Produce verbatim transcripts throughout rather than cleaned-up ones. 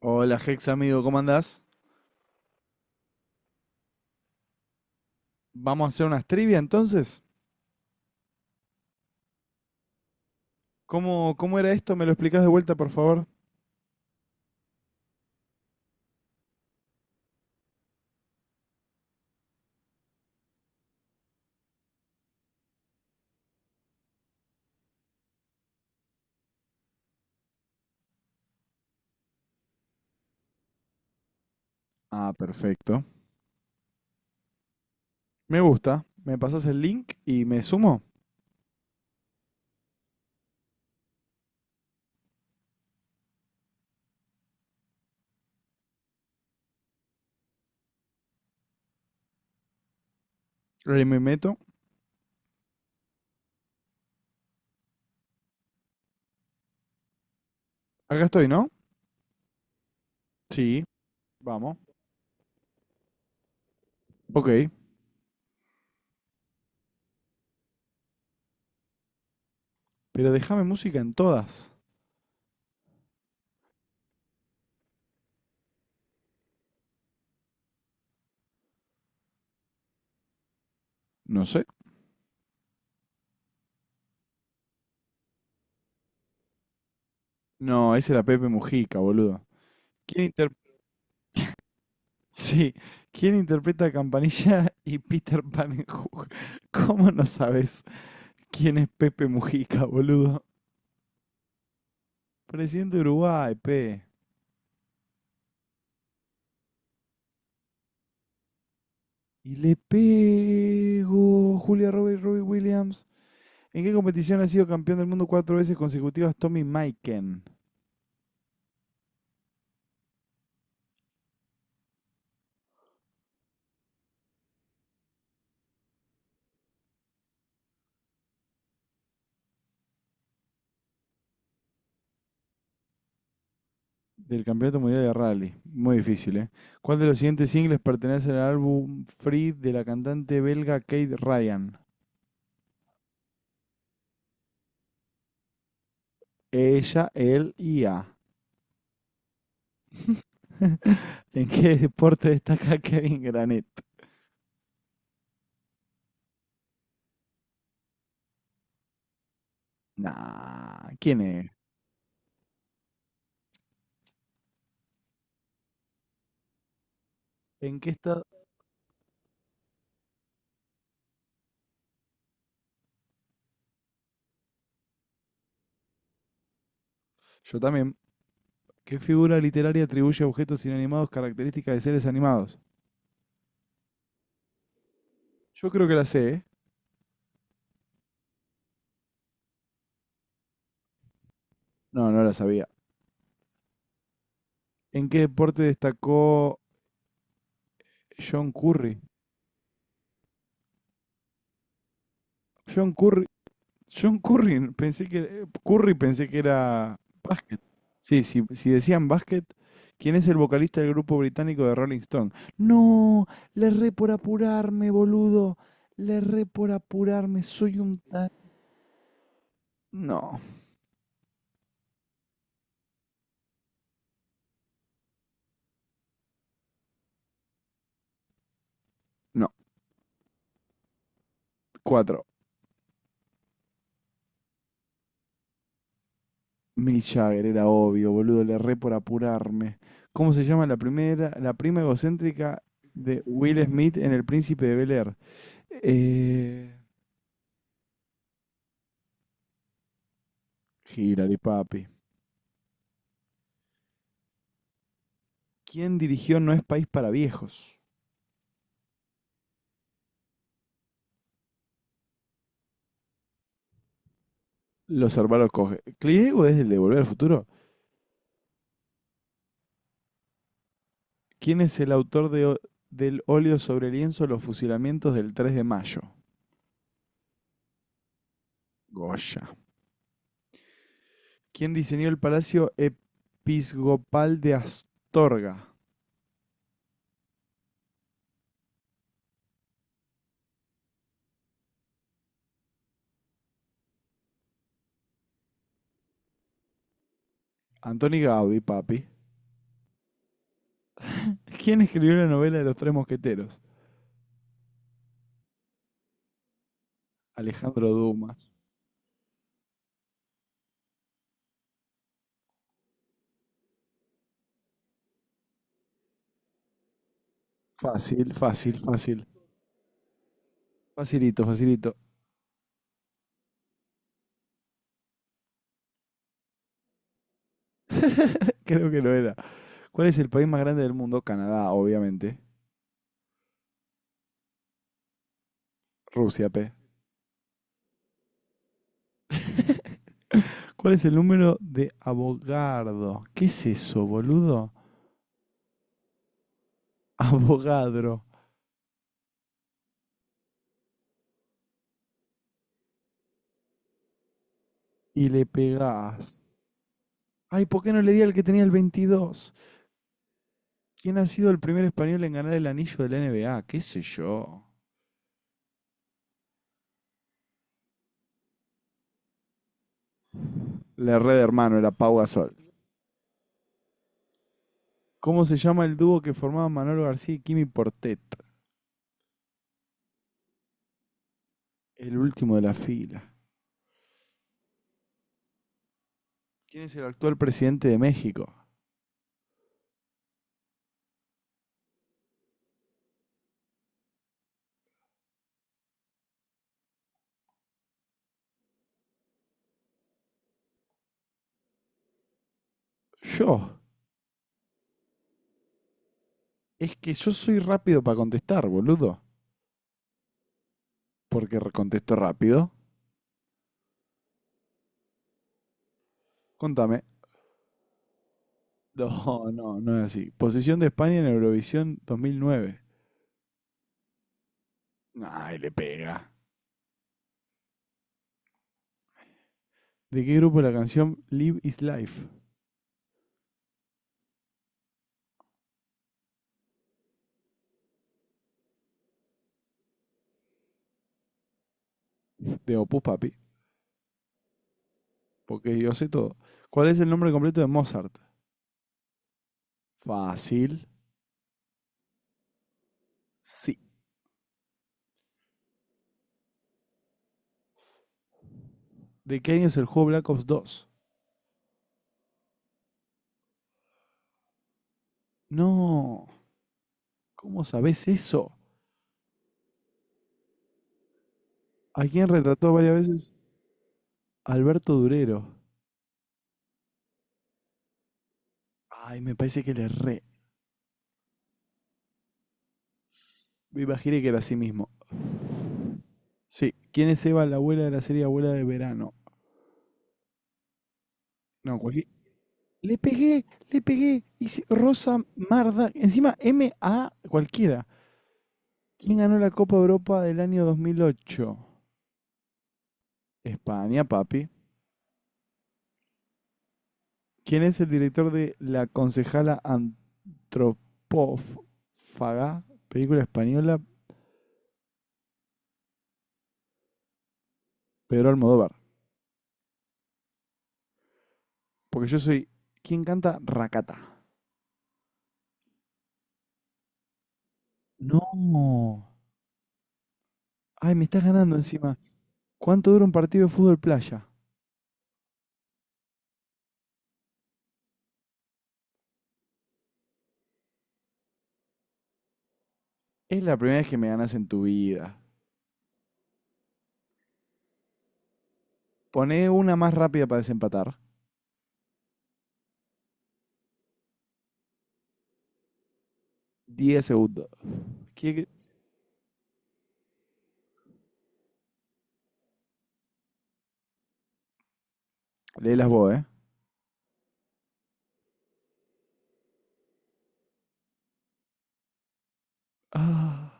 Hola, Hex amigo, ¿cómo andás? Vamos a hacer unas trivia entonces. ¿Cómo, cómo era esto? ¿Me lo explicás de vuelta, por favor? Ah, perfecto. Me gusta. Me pasas el link y me sumo. Ahí me meto. Acá estoy, ¿no? Sí, vamos. Ok. Pero déjame música en todas. No sé. No, ese era Pepe Mujica, boludo. ¿Quién inter... Sí. ¿Quién interpreta a Campanilla y Peter Pan en Hook? ¿Cómo no sabes quién es Pepe Mujica, boludo? Presidente de Uruguay, pe. Y le pego Julia Roberts, Robbie Williams. ¿En qué competición ha sido campeón del mundo cuatro veces consecutivas Tommy Maiken del Campeonato Mundial de Rally? Muy difícil, ¿eh? ¿Cuál de los siguientes singles pertenece al álbum Free de la cantante belga Kate Ryan? Ella, él y A. ¿En qué deporte destaca Kevin Granet? Nah, ¿quién es? ¿En qué estado? Yo también. ¿Qué figura literaria atribuye a objetos inanimados características de seres animados? Yo creo que la sé, ¿eh? No, no la sabía. ¿En qué deporte destacó John Curry? John Curry, John Curry, pensé que, eh, Curry pensé que era básquet. Sí, sí, si decían básquet, ¿quién es el vocalista del grupo británico de Rolling Stone? No, le re por apurarme, boludo. Le re por apurarme, soy un ta- No, no. Cuatro. Mick Jagger, era obvio, boludo, le re por apurarme. ¿Cómo se llama la primera, la prima egocéntrica de Will Smith en El Príncipe de Bel-Air? Eh, Hillary, papi. ¿Quién dirigió No es país para viejos? Los hermanos coge. ¿Clint Eastwood es el de Volver al Futuro? ¿Quién es el autor de, o- del óleo sobre lienzo Los fusilamientos del tres de mayo? Goya. ¿Quién diseñó el Palacio Episcopal de Astorga? Antoni Gaudí, papi. ¿Quién escribió la novela de los tres mosqueteros? Alejandro Dumas. Fácil, fácil, fácil. Facilito, facilito. Creo que lo era. ¿Cuál es el país más grande del mundo? Canadá, obviamente. Rusia, P. ¿Cuál es el número de Avogadro? ¿Qué es eso, boludo? Avogadro. Y le pegás. Ay, ¿por qué no le di al que tenía el veintidós? ¿Quién ha sido el primer español en ganar el anillo de la N B A? ¿Qué sé yo? Le red hermano, era Pau Gasol. ¿Cómo se llama el dúo que formaban Manolo García y Kimi Portet? El último de la fila. ¿Quién es el actual presidente de México? Yo. Es que yo soy rápido para contestar, boludo. Porque contesto rápido. Contame. No, no, no es así. Posición de España en Eurovisión dos mil nueve. Ay, le pega. ¿De qué grupo es la canción Live is Life? De Opus Papi, porque yo sé todo. ¿Cuál es el nombre completo de Mozart? Fácil. Sí. ¿De qué año es el juego Black Ops dos? No, ¿cómo sabés eso? ¿A quién retrató varias veces? Alberto Durero. Ay, me parece que le re. Me imaginé que era así mismo. Sí. ¿Quién es Eva, la abuela de la serie Abuela de Verano? No, cualquier... Le pegué, le pegué. Hice Rosa Marda. Encima M A cualquiera. ¿Quién ganó la Copa Europa del año dos mil ocho? España, papi. ¿Quién es el director de La concejala antropófaga? Película española, Pedro Almodóvar. Porque yo soy ¿Quién canta Racata. No. Ay, me estás ganando encima. ¿Cuánto dura un partido de fútbol playa? Es la primera vez que me ganas en tu vida. Poné una más rápida para desempatar. Diez segundos. ¿Quién- Léelas vos, ¿eh? Ah,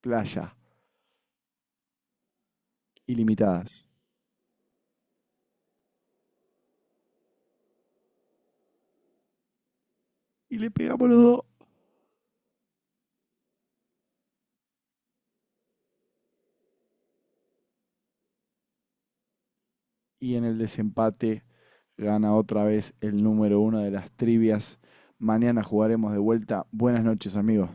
playa, ilimitadas. Y le pegamos los dos. Y en el desempate gana otra vez el número uno de las trivias. Mañana jugaremos de vuelta. Buenas noches, amigos.